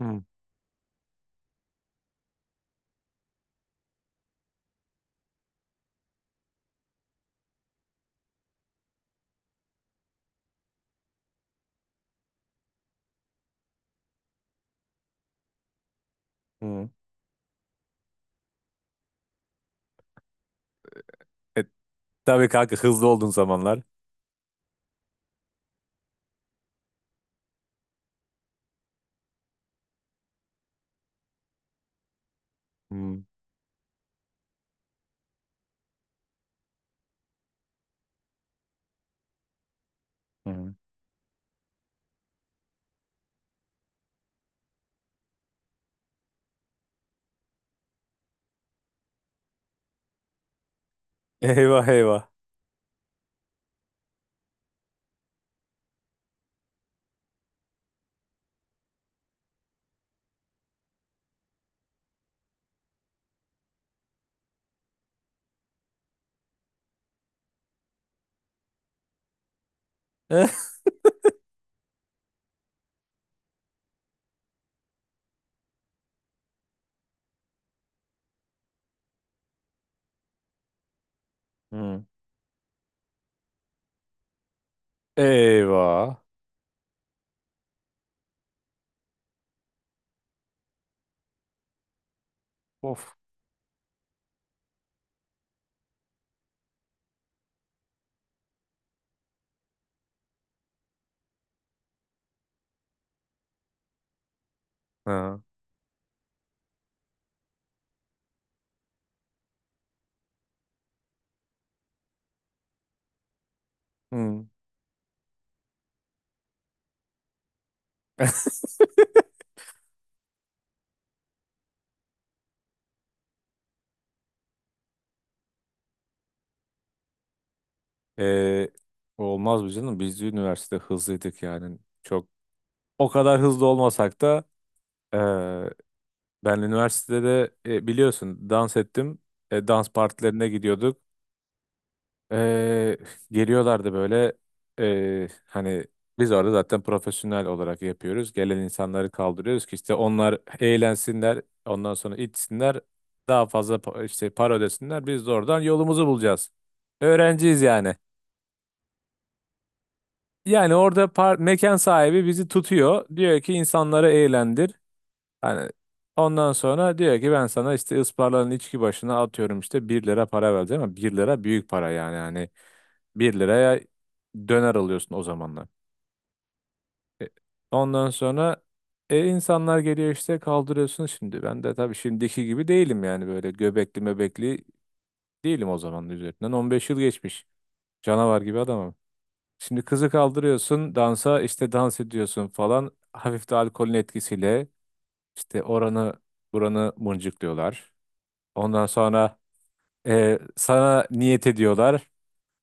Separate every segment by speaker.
Speaker 1: Hı, hı. E, tabii kanka, hızlı olduğun zamanlar. Hı, hı. Eyvah eyvah. Hı. Eyvah. Of. Ha. Hı. E, Olmaz mı canım? Biz de üniversite hızlıydık yani. Çok o kadar hızlı olmasak da e, ben üniversitede de, biliyorsun dans ettim. Dans partilerine gidiyorduk. Eee, Geliyorlardı böyle, hani biz orada zaten profesyonel olarak yapıyoruz. Gelen insanları kaldırıyoruz ki işte onlar eğlensinler, ondan sonra içsinler, daha fazla işte para ödesinler. Biz de oradan yolumuzu bulacağız. Öğrenciyiz yani. Yani orada mekan sahibi bizi tutuyor. Diyor ki insanları eğlendir. Hani ondan sonra diyor ki ben sana işte ısparların içki başına atıyorum, işte 1 lira para vereceğim, ama 1 lira büyük para yani. Hani 1 liraya döner alıyorsun o zamanlar. E, Ondan sonra insanlar geliyor işte, kaldırıyorsun şimdi. Ben de tabii şimdiki gibi değilim yani, böyle göbekli mebekli değilim. O zamanın üzerinden 15 yıl geçmiş. Canavar gibi adamım. Şimdi kızı kaldırıyorsun dansa, işte dans ediyorsun falan. Hafif de alkolün etkisiyle işte oranı buranı mıncıklıyorlar. Ondan sonra sana niyet ediyorlar.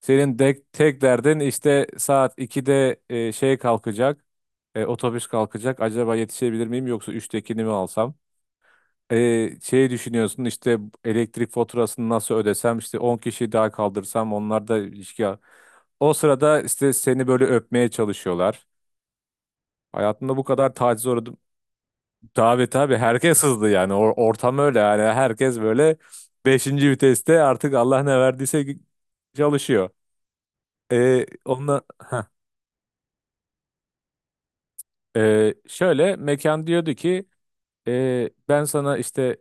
Speaker 1: Senin de tek derdin, işte saat 2'de kalkacak. Otobüs kalkacak. Acaba yetişebilir miyim, yoksa 3'tekini mi alsam? Düşünüyorsun işte, elektrik faturasını nasıl ödesem, işte 10 kişi daha kaldırsam onlar da ilişki. O sırada işte seni böyle öpmeye çalışıyorlar. Hayatımda bu kadar tacize uğradım. Tabii tabii, herkes hızlı yani. Ortam öyle yani, herkes böyle beşinci viteste, artık Allah ne verdiyse çalışıyor. Onunla, şöyle mekan diyordu ki ben sana işte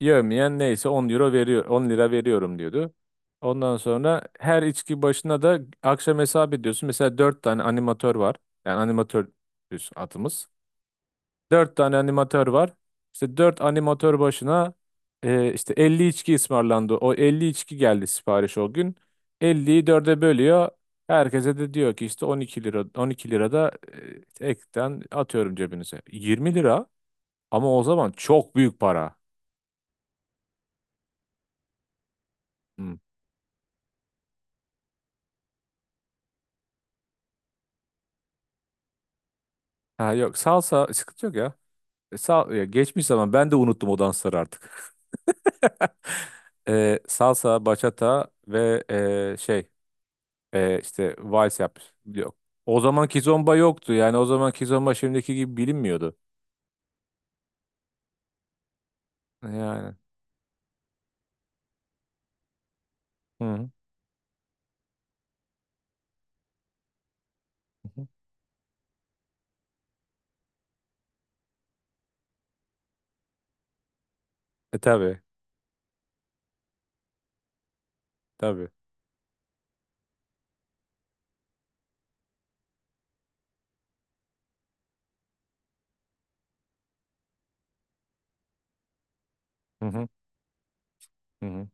Speaker 1: yevmiyen neyse 10 euro veriyor, 10 lira veriyorum diyordu. Ondan sonra her içki başına da akşam hesap ediyorsun. Mesela 4 tane animatör var. Yani animatör düz atımız. Dört tane animatör var. İşte dört animatör başına işte 50 içki ısmarlandı. O 50 içki geldi sipariş o gün. 50'yi dörde bölüyor. Herkese de diyor ki işte 12 lira, 12 lira da ekten atıyorum cebinize. 20 lira, ama o zaman çok büyük para. Hı. Ha yok, salsa, sıkıntı yok ya. Ya, geçmiş zaman, ben de unuttum o dansları artık. Salsa, bachata ve e, şey işte vals yapmış. Yok. O zaman kizomba yoktu. Yani o zaman kizomba şimdiki gibi bilinmiyordu. Yani. Hı hı. Hı. Tabii. Tabii. Hı hı. Hı hı.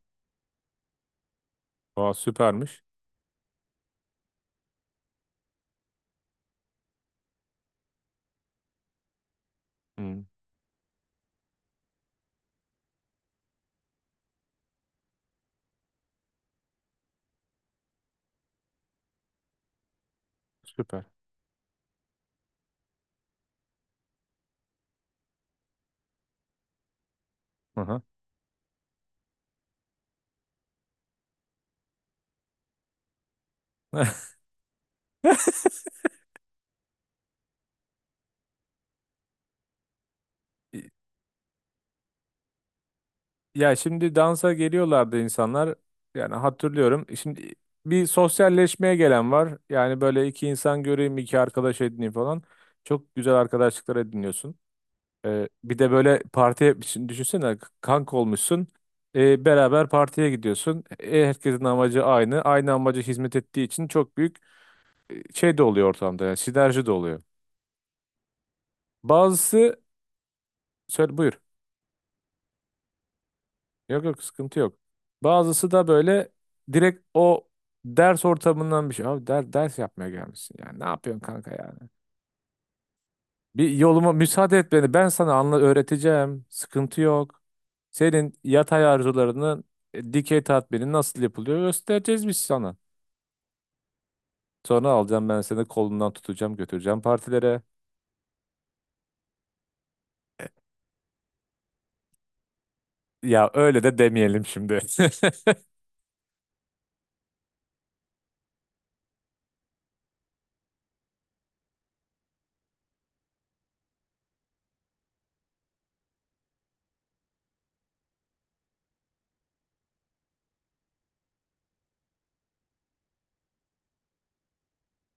Speaker 1: Aa, süpermiş. Hı. Süper. Hı hı. Ya, şimdi dansa geliyorlardı insanlar. Yani hatırlıyorum. Şimdi bir sosyalleşmeye gelen var. Yani böyle iki insan göreyim, iki arkadaş edineyim falan. Çok güzel arkadaşlıklar ediniyorsun. Bir de böyle partiye düşünsene, kanka olmuşsun. Beraber partiye gidiyorsun. Herkesin amacı aynı. Aynı amaca hizmet ettiği için çok büyük şey de oluyor ortamda. Yani sinerji de oluyor. Bazısı, söyle, buyur. Yok yok, sıkıntı yok. Bazısı da böyle direkt o ders ortamından bir şey. Abi der, ders yapmaya gelmişsin. Yani ne yapıyorsun kanka ya? Bir yoluma müsaade et beni. Ben sana anla öğreteceğim, sıkıntı yok. Senin yatay arzularının dikey tatmini nasıl yapılıyor, göstereceğiz biz sana. Sonra alacağım ben seni kolundan, tutacağım götüreceğim partilere. Ya öyle de demeyelim şimdi.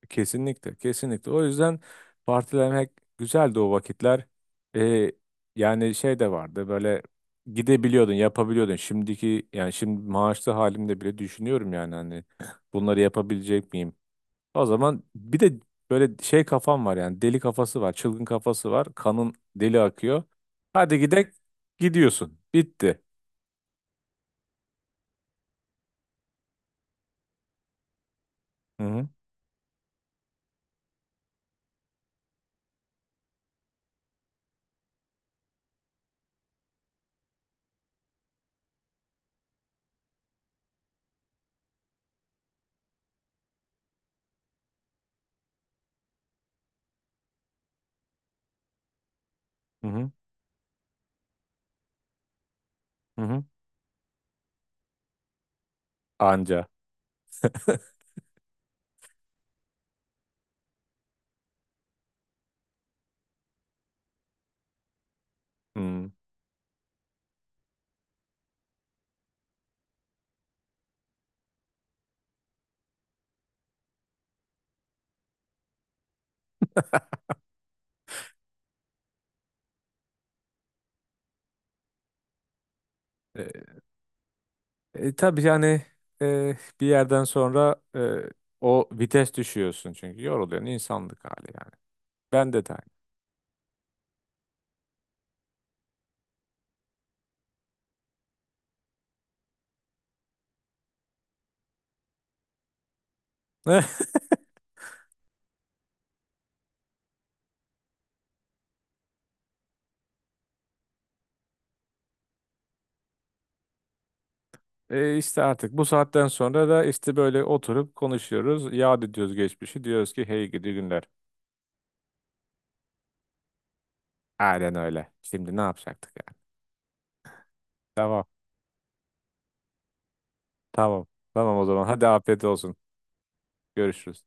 Speaker 1: Kesinlikle, kesinlikle. O yüzden partilemek güzeldi o vakitler. Ee, Yani şey de vardı, böyle gidebiliyordun, yapabiliyordun. Şimdiki yani şimdi, maaşlı halimde bile düşünüyorum yani, hani bunları yapabilecek miyim? O zaman bir de böyle şey kafam var yani, deli kafası var, çılgın kafası var. Kanın deli akıyor. Hadi gidek, gidiyorsun. Bitti. Hı hı hı hı. Hı hı. Anca. Hı. E, tabii yani, bir yerden sonra o vites düşüyorsun çünkü yoruluyorsun, insanlık hali yani. Ben de aynı. İşte artık bu saatten sonra da işte böyle oturup konuşuyoruz. Yad ediyoruz geçmişi. Diyoruz ki, hey gidi günler. Aynen öyle. Şimdi ne yapacaktık yani? Devam. Tamam. Tamam o zaman. Hadi afiyet olsun. Görüşürüz.